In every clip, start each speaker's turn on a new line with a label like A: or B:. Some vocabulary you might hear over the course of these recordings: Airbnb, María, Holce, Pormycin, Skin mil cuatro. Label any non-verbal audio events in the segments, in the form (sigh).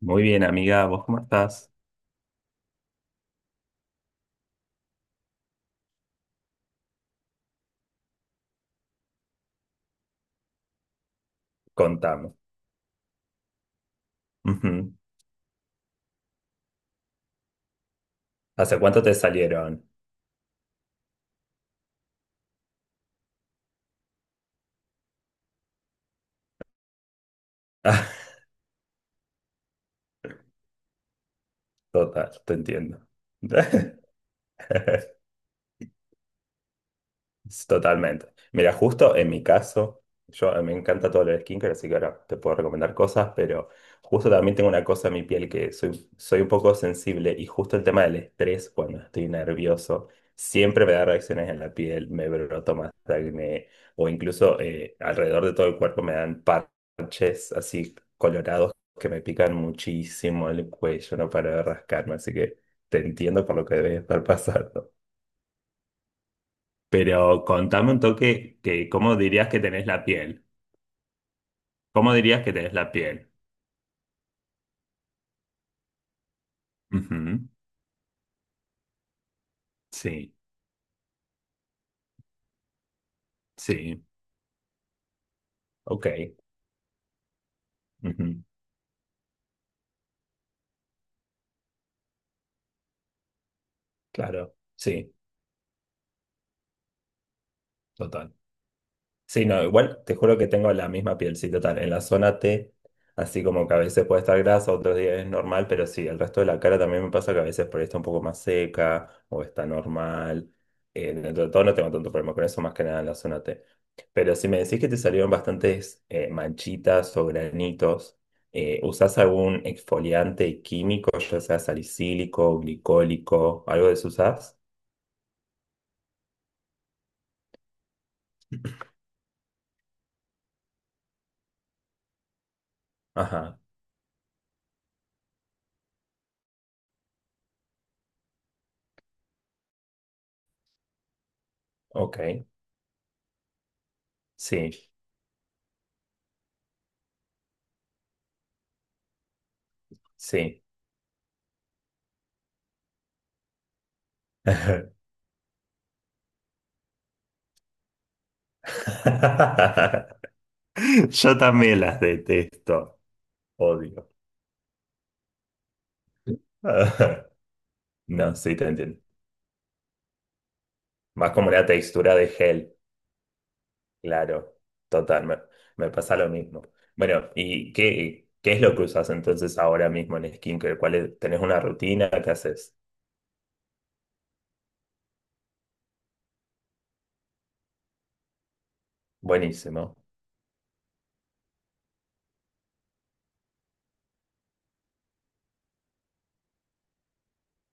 A: Muy bien, amiga, ¿vos cómo estás? Contame. Ujú. ¿Hace cuánto te salieron? (laughs) Total, te entiendo. (laughs) Totalmente. Mira, justo en mi caso, yo me encanta todo lo de skincare, así que ahora te puedo recomendar cosas. Pero justo también tengo una cosa en mi piel, que soy un poco sensible, y justo el tema del estrés, cuando estoy nervioso, siempre me da reacciones en la piel, me broto más acné, o incluso alrededor de todo el cuerpo me dan parches así colorados, que me pican muchísimo el cuello, no paro de rascarme, así que te entiendo por lo que debes estar (laughs) pasando. Pero contame un toque, que ¿cómo dirías que tenés la piel? ¿Cómo dirías que tenés la piel? Ujú. Sí, sí, ok. Ujú. Claro, sí, total. Sí, no, igual te juro que tengo la misma piel, sí, total. En la zona T, así como que a veces puede estar grasa, otros días es normal. Pero sí, el resto de la cara también me pasa que a veces por ahí está un poco más seca o está normal. Dentro de todo no tengo tanto problema con eso, más que nada en la zona T. Pero si me decís que te salieron bastantes manchitas o granitos, ¿usás algún exfoliante químico, ya sea salicílico, glicólico, algo de eso usás? Ajá, ok, sí, sí. (laughs) (laughs) Yo también las detesto, odio. (laughs) No, sí, te entiendo. Más como la textura de gel, claro, total. Me pasa lo mismo. Bueno, ¿y qué es lo que usas entonces ahora mismo en skincare? ¿Cuál es- tenés una rutina? ¿Qué haces? Buenísimo,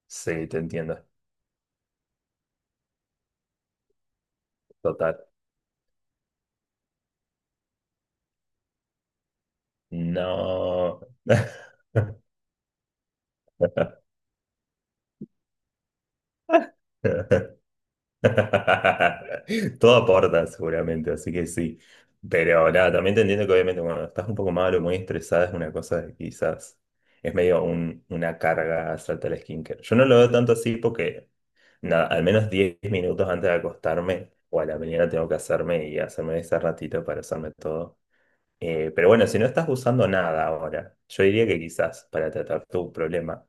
A: sí, te entiendo, total. No. (laughs) (laughs) Todo aporta seguramente, así que sí. Pero nada, también te entiendo que obviamente cuando estás un poco malo, muy estresada, es una cosa que quizás es medio un- una carga hacerte el skincare. Yo no lo veo tanto así, porque nada, al menos 10 minutos antes de acostarme o a la mañana tengo que hacerme y hacerme ese ratito para hacerme todo. Pero bueno, si no estás usando nada ahora, yo diría que quizás para tratar tu problema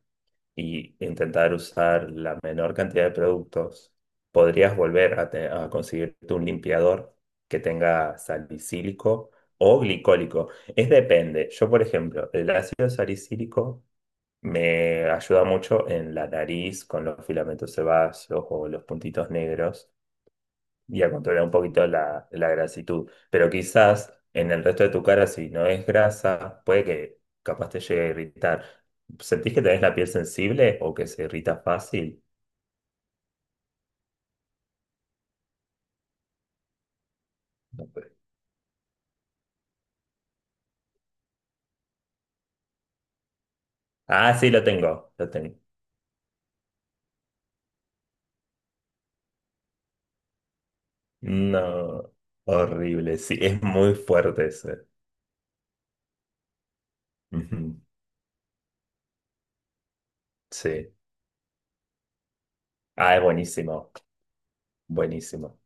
A: y intentar usar la menor cantidad de productos, podrías volver a, a conseguirte un limpiador que tenga salicílico o glicólico. Es depende. Yo, por ejemplo, el ácido salicílico me ayuda mucho en la nariz con los filamentos sebáceos o los puntitos negros, y a controlar un poquito la grasitud. Pero quizás en el resto de tu cara, si no es grasa, puede que capaz te llegue a irritar. ¿Sentís que tenés la piel sensible o que se irrita fácil? No sé. Ah, sí, lo tengo, lo tengo. No, horrible, sí, es muy fuerte ese. Ujú. Sí. Ah, es buenísimo, buenísimo.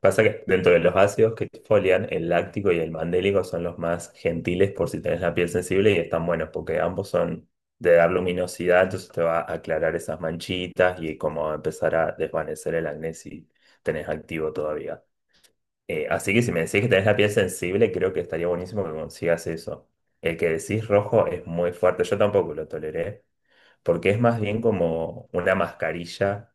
A: Pasa que dentro de los ácidos que exfolian, el láctico y el mandélico son los más gentiles por si tenés la piel sensible, y están buenos porque ambos son de dar luminosidad. Entonces te va a aclarar esas manchitas y como va a empezar a desvanecer el acné, si tenés activo todavía. Así que si me decís que tenés la piel sensible, creo que estaría buenísimo que consigas eso. El que decís rojo es muy fuerte, yo tampoco lo toleré porque es más bien como una mascarilla,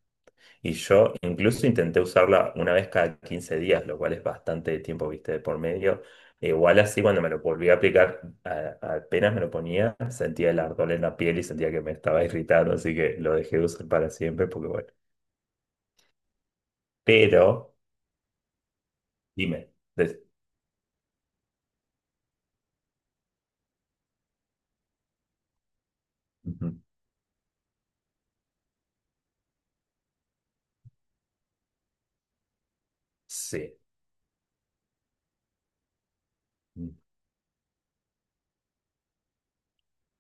A: y yo incluso intenté usarla una vez cada 15 días, lo cual es bastante tiempo, viste, de por medio. E igual así, cuando me lo volví a aplicar, apenas me lo ponía, sentía el ardor en la piel y sentía que me estaba irritando, así que lo dejé de usar para siempre, porque bueno. Pero, dime. Des-. Ujú. Sí, mm,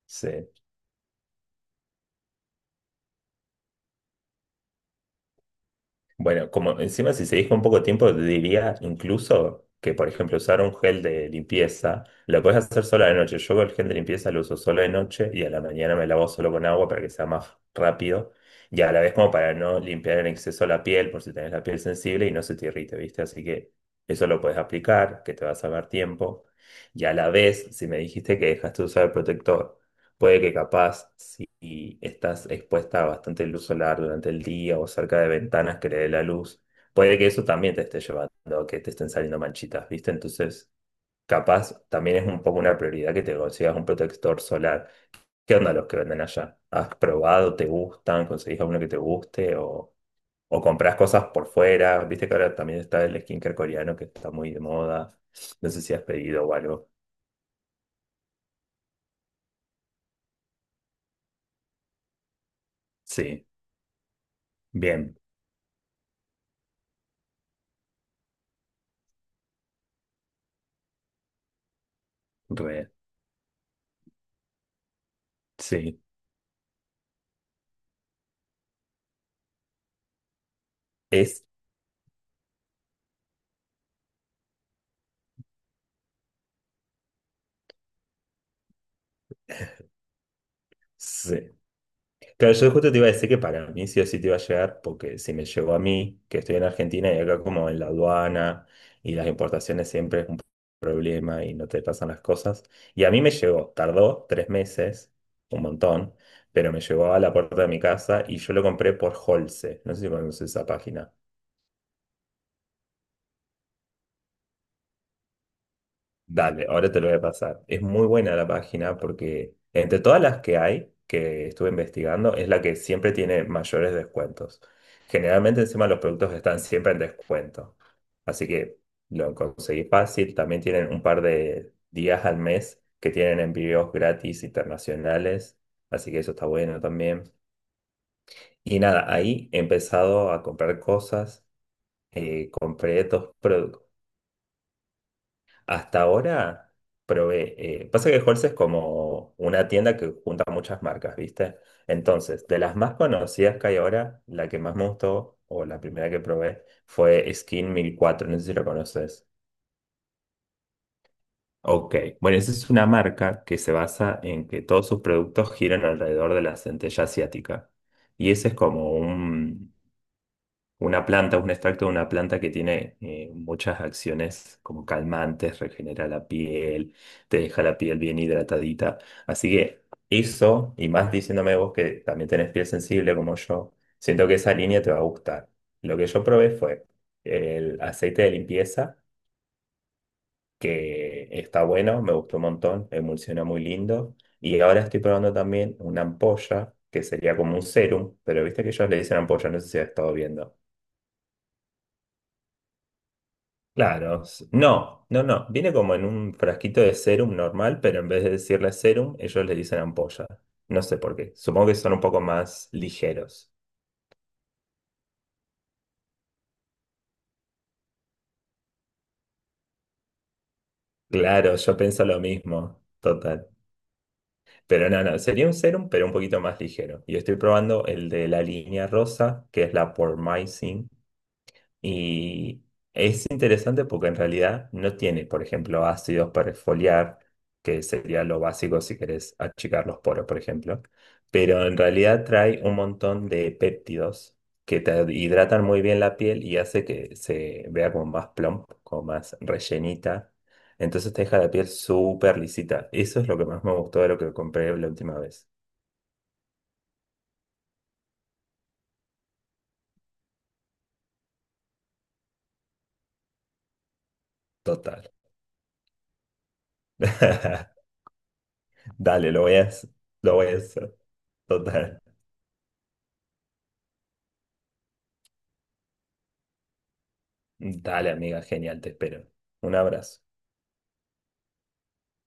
A: sí. Bueno, como encima si se dijo un poco tiempo, te diría incluso que, por ejemplo, usar un gel de limpieza, lo puedes hacer solo de noche. Yo el gel de limpieza lo uso solo de noche, y a la mañana me lavo solo con agua para que sea más rápido y a la vez como para no limpiar en exceso la piel, por si tenés la piel sensible y no se te irrite, ¿viste? Así que eso lo puedes aplicar, que te va a salvar tiempo. Y a la vez, si me dijiste que dejaste de usar el protector. Puede que capaz, si estás expuesta a bastante luz solar durante el día o cerca de ventanas que le dé la luz, puede que eso también te esté llevando a que te estén saliendo manchitas, ¿viste? Entonces, capaz también es un poco una prioridad que te consigas un protector solar. ¿Qué onda los que venden allá? ¿Has probado? ¿Te gustan? ¿Conseguís alguno que te guste? O compras cosas por fuera? ¿Viste que ahora también está el skincare coreano que está muy de moda? No sé si has pedido o algo. Sí, bien, re, sí. Es. Sí. Claro, yo justo te iba a decir que para mí sí o sí te iba a llegar, porque si me llegó a mí, que estoy en Argentina, y acá como en la aduana y las importaciones siempre es un problema y no te pasan las cosas. Y a mí me llegó, tardó 3 meses, un montón, pero me llegó a la puerta de mi casa, y yo lo compré por Holce. No sé si conoces esa página. Dale, ahora te lo voy a pasar. Es muy buena la página porque entre todas las que hay, que estuve investigando, es la que siempre tiene mayores descuentos. Generalmente encima los productos están siempre en descuento. Así que lo conseguí fácil. También tienen un par de días al mes que tienen envíos gratis internacionales. Así que eso está bueno también. Y nada, ahí he empezado a comprar cosas. Compré dos. Hasta ahora probé. Pasa que Halls es como una tienda que junta muchas marcas, ¿viste? Entonces, de las más conocidas que hay ahora, la que más me gustó o la primera que probé fue Skin 1004. No sé si lo conoces. Ok. Bueno, esa es una marca que se basa en que todos sus productos giran alrededor de la centella asiática. Y ese es como un, una planta, un extracto de una planta que tiene muchas acciones como calmantes, regenera la piel, te deja la piel bien hidratadita. Así que eso, y más diciéndome vos que también tenés piel sensible como yo, siento que esa línea te va a gustar. Lo que yo probé fue el aceite de limpieza, que está bueno, me gustó un montón, emulsiona muy lindo. Y ahora estoy probando también una ampolla, que sería como un serum, pero viste que ellos le dicen ampolla, no sé si has estado viendo. Claro, no. Viene como en un frasquito de serum normal, pero en vez de decirle serum, ellos le dicen ampolla. No sé por qué. Supongo que son un poco más ligeros. Claro, yo pienso lo mismo, total. Pero no, sería un serum, pero un poquito más ligero. Yo estoy probando el de la línea rosa, que es la Pormycin. Y es interesante porque en realidad no tiene, por ejemplo, ácidos para exfoliar, que sería lo básico si querés achicar los poros, por ejemplo. Pero en realidad trae un montón de péptidos que te hidratan muy bien la piel y hace que se vea como más plump, como más rellenita. Entonces te deja la piel súper lisita. Eso es lo que más me gustó de lo que compré la última vez. Total. (laughs) Dale, lo voy a hacer. Total. Dale, amiga, genial, te espero. Un abrazo.